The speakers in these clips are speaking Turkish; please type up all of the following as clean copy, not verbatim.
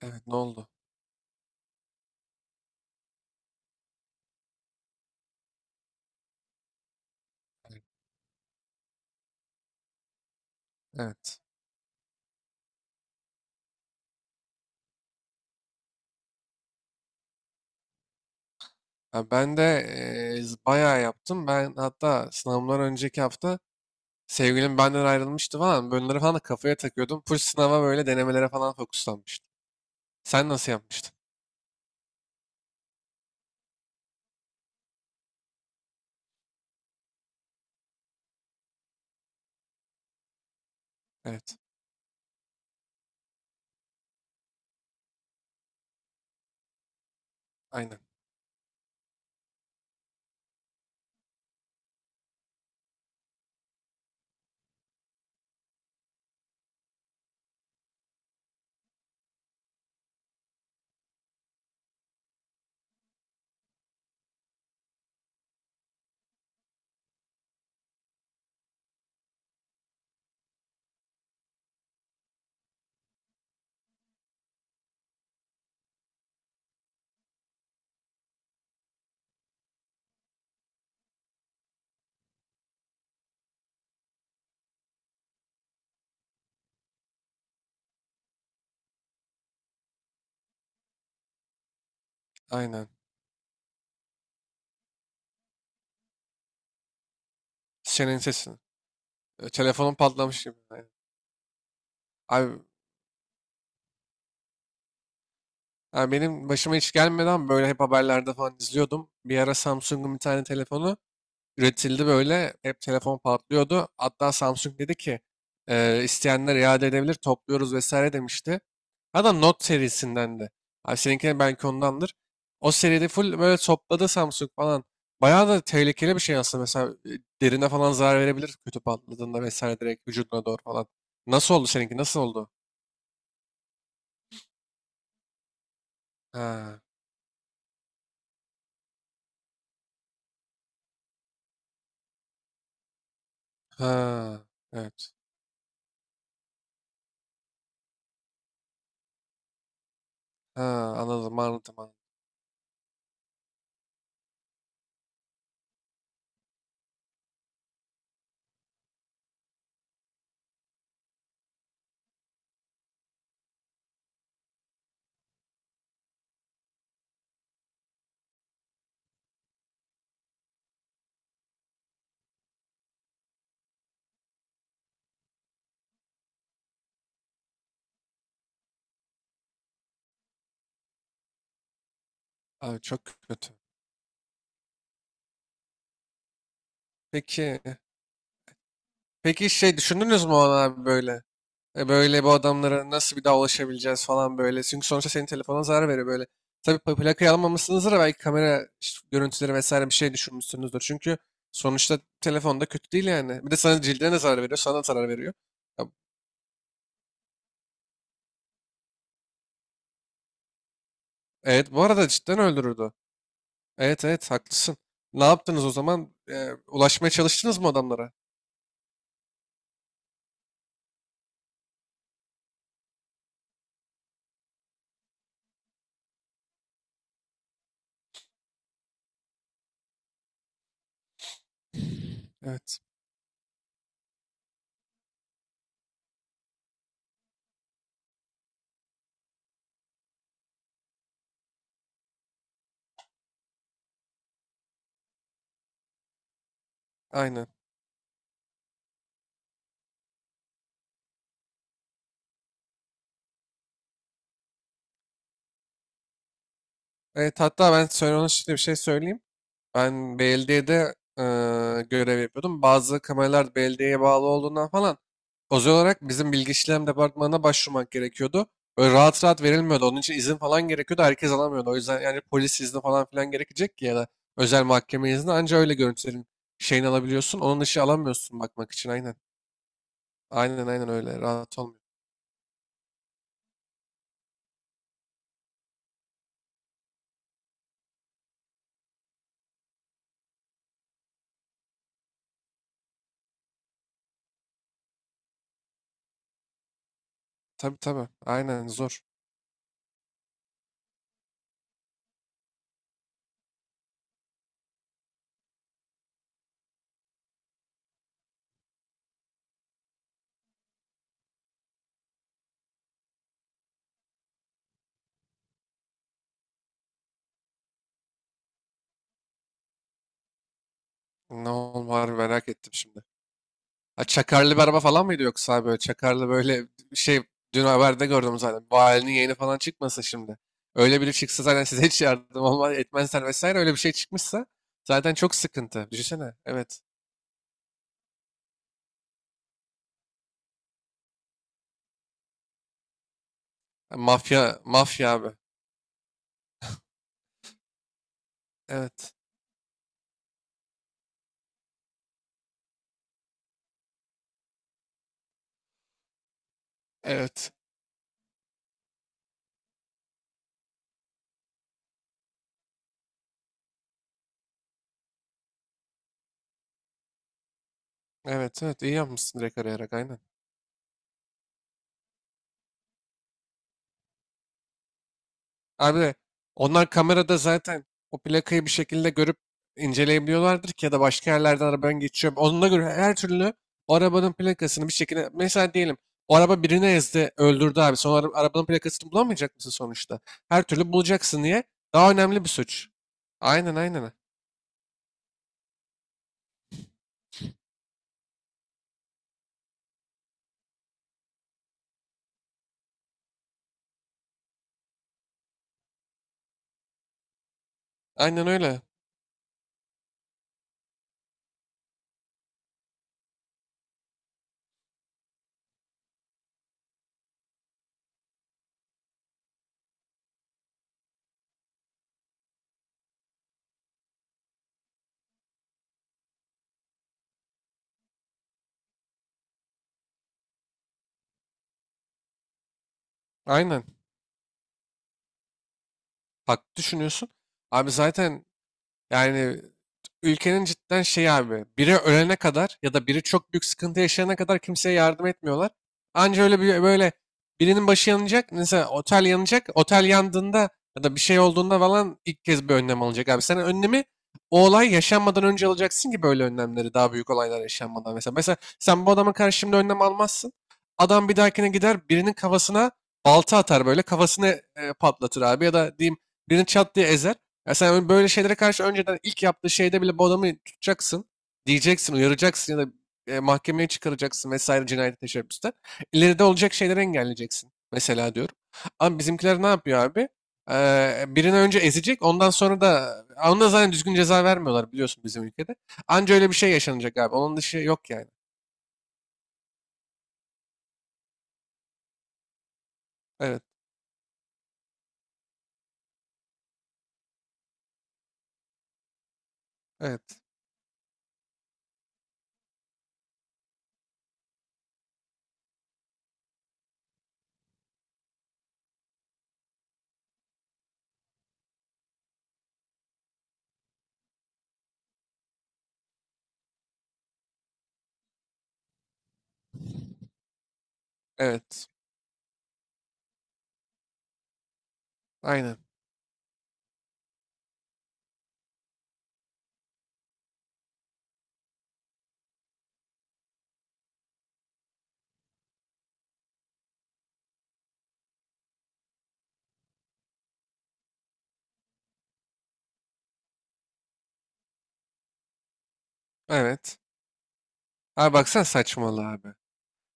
Evet ne oldu? Evet. Ha, ben de bayağı yaptım. Ben hatta sınavımdan önceki hafta sevgilim benden ayrılmıştı falan. Bunları falan da kafaya takıyordum. Full sınava böyle denemelere falan fokuslanmıştım. Sen nasıl yapmıştın? Evet. Aynen. Aynen. Senin sesin. E, Telefonum patlamış gibi. Aynen. Abi, abi benim başıma hiç gelmeden böyle hep haberlerde falan izliyordum. Bir ara Samsung'un bir tane telefonu üretildi böyle. Hep telefon patlıyordu. Hatta Samsung dedi ki isteyenler iade edebilir topluyoruz vesaire demişti. Adam Note serisindendi. Abi seninkine belki ondandır. O seride full böyle topladı Samsung falan. Bayağı da tehlikeli bir şey aslında. Mesela derine falan zarar verebilir kötü patladığında vesaire direkt vücuduna doğru falan. Nasıl oldu seninki? Nasıl oldu? Ha, ha, evet. Ha, anladım, anladım, anladım. Abi çok kötü. Peki, peki şey düşündünüz mü ona abi böyle? Böyle bu adamlara nasıl bir daha ulaşabileceğiz falan böyle. Çünkü sonuçta senin telefonuna zarar veriyor böyle. Tabii plakayı almamışsınızdır da belki kamera işte görüntüleri vesaire bir şey düşürmüşsünüzdür. Çünkü sonuçta telefonda kötü değil yani. Bir de sana cildine de zarar veriyor, sana da zarar veriyor. Ya, Evet bu arada cidden öldürürdü. Evet evet haklısın. Ne yaptınız o zaman? Ulaşmaya çalıştınız mı adamlara? Evet aynen. Evet hatta ben söyle ona şimdi bir şey söyleyeyim. Ben belediyede görev yapıyordum. Bazı kameralar belediyeye bağlı olduğundan falan özel olarak bizim bilgi işlem departmanına başvurmak gerekiyordu. Böyle rahat rahat verilmiyordu. Onun için izin falan gerekiyordu. Herkes alamıyordu. O yüzden yani polis izni falan filan gerekecek ki ya da özel mahkeme izni anca öyle görüntülerin şeyini alabiliyorsun. Onun dışı alamıyorsun bakmak için aynen. Aynen aynen öyle. Rahat olmuyor. Tabii tabii. Aynen zor. Ne olur merak ettim şimdi. Ha, çakarlı bir araba falan mıydı yoksa abi böyle çakarlı böyle şey dün haberde gördüm zaten. Valinin yeğeni falan çıkmasın şimdi. Öyle biri çıksa zaten size hiç yardım olmaz etmezler vesaire öyle bir şey çıkmışsa zaten çok sıkıntı. Düşünsene. Evet. Ha, Mafya, mafya abi. Evet. Evet. Evet evet iyi yapmışsın direkt arayarak aynen. Abi onlar kamerada zaten o plakayı bir şekilde görüp inceleyebiliyorlardır ki ya da başka yerlerden arabanın geçiyor. Onunla göre her türlü o arabanın plakasını bir şekilde mesela diyelim o araba birine ezdi öldürdü abi. Sonra arabanın plakasını bulamayacak mısın sonuçta? Her türlü bulacaksın diye daha önemli bir suç. Aynen aynen. Aynen öyle. Aynen. Haklı düşünüyorsun. Abi zaten Yani ülkenin cidden şey abi biri ölene kadar ya da biri çok büyük sıkıntı yaşayana kadar kimseye yardım etmiyorlar. Anca öyle bir böyle birinin başı yanacak mesela otel yanacak otel yandığında ya da bir şey olduğunda falan ilk kez bir önlem alacak abi. Sen önlemi o olay yaşanmadan önce alacaksın ki böyle önlemleri daha büyük olaylar yaşanmadan mesela. Mesela sen bu adama karşı şimdi önlem almazsın. Adam bir dahakine gider birinin kafasına balta atar böyle kafasını patlatır abi ya da diyeyim birini çat diye ezer. Ya sen böyle şeylere karşı önceden ilk yaptığı şeyde bile bu adamı tutacaksın. Diyeceksin, uyaracaksın ya da mahkemeye çıkaracaksın vesaire cinayet teşebbüste. İleride olacak şeyleri engelleyeceksin. Mesela diyorum. Ama bizimkiler ne yapıyor abi? Birini önce ezecek ondan sonra da ona zaten düzgün ceza vermiyorlar biliyorsun bizim ülkede. Anca öyle bir şey yaşanacak abi. Onun dışı yok yani. Evet, evet, evet. Aynen. Evet. Abi baksana saçmalığa abi.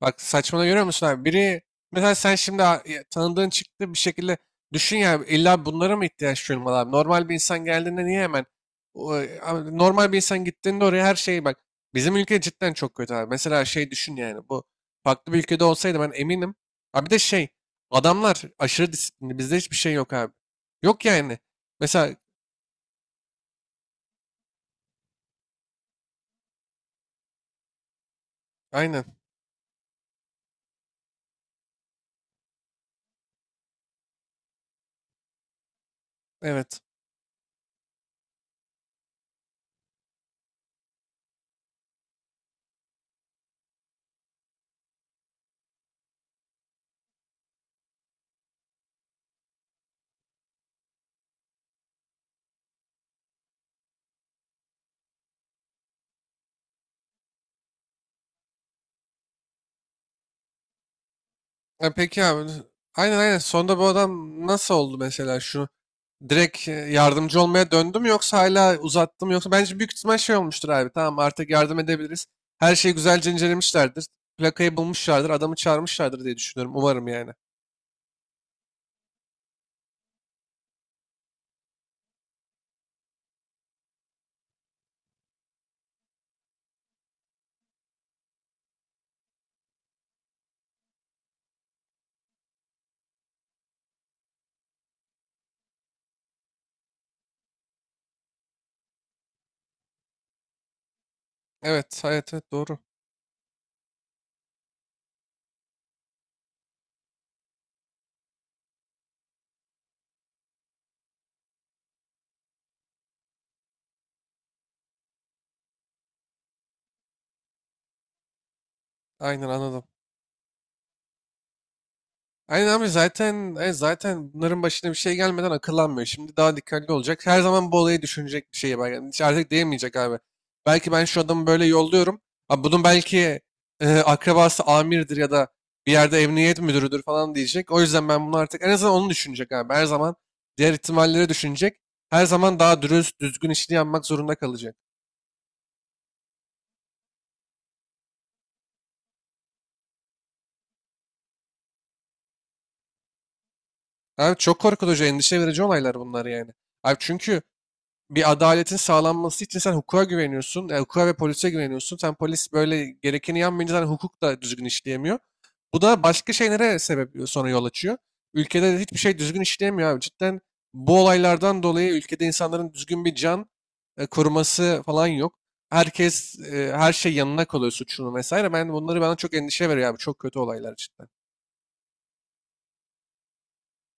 Bak saçmalama görüyor musun abi? Biri mesela sen şimdi ya tanıdığın çıktı bir şekilde düşün ya illa bunlara mı ihtiyaç duyulmalı abi? Normal bir insan geldiğinde niye hemen abi normal bir insan gittiğinde oraya her şeyi bak. Bizim ülke cidden çok kötü abi. Mesela şey düşün yani bu farklı bir ülkede olsaydı ben eminim. Abi bir de şey adamlar aşırı disiplinli bizde hiçbir şey yok abi. Yok yani. Mesela aynen evet. E, peki abi. Aynen aynen. Sonunda bu adam nasıl oldu mesela şu? Direkt yardımcı olmaya döndüm yoksa hala uzattım yoksa bence büyük ihtimal şey olmuştur abi. Tamam artık yardım edebiliriz. Her şeyi güzelce incelemişlerdir. Plakayı bulmuşlardır, adamı çağırmışlardır diye düşünüyorum. Umarım yani. Evet, evet, evet doğru. Aynen anladım. Aynen abi zaten zaten bunların başına bir şey gelmeden akıllanmıyor. Şimdi daha dikkatli olacak. Her zaman bu olayı düşünecek bir şey var. Yani hiç artık diyemeyecek abi. Belki ben şu adamı böyle yolluyorum. Abi bunun belki akrabası amirdir ya da bir yerde emniyet müdürüdür falan diyecek. O yüzden ben bunu artık en azından onu düşünecek abi. Her zaman diğer ihtimalleri düşünecek. Her zaman daha dürüst, düzgün işini yapmak zorunda kalacak. Abi çok korkutucu, endişe verici olaylar bunlar yani. Abi çünkü bir adaletin sağlanması için sen hukuka güveniyorsun. Hukuka ve polise güveniyorsun. Sen polis böyle gerekeni yapmayınca zaten hukuk da düzgün işleyemiyor. Bu da başka şeylere sebep sonra yol açıyor. Ülkede de hiçbir şey düzgün işleyemiyor abi. Cidden bu olaylardan dolayı ülkede insanların düzgün bir can koruması falan yok. Herkes her şey yanına kalıyor suçunu vesaire. Ben bunları bana çok endişe veriyor abi. Çok kötü olaylar cidden.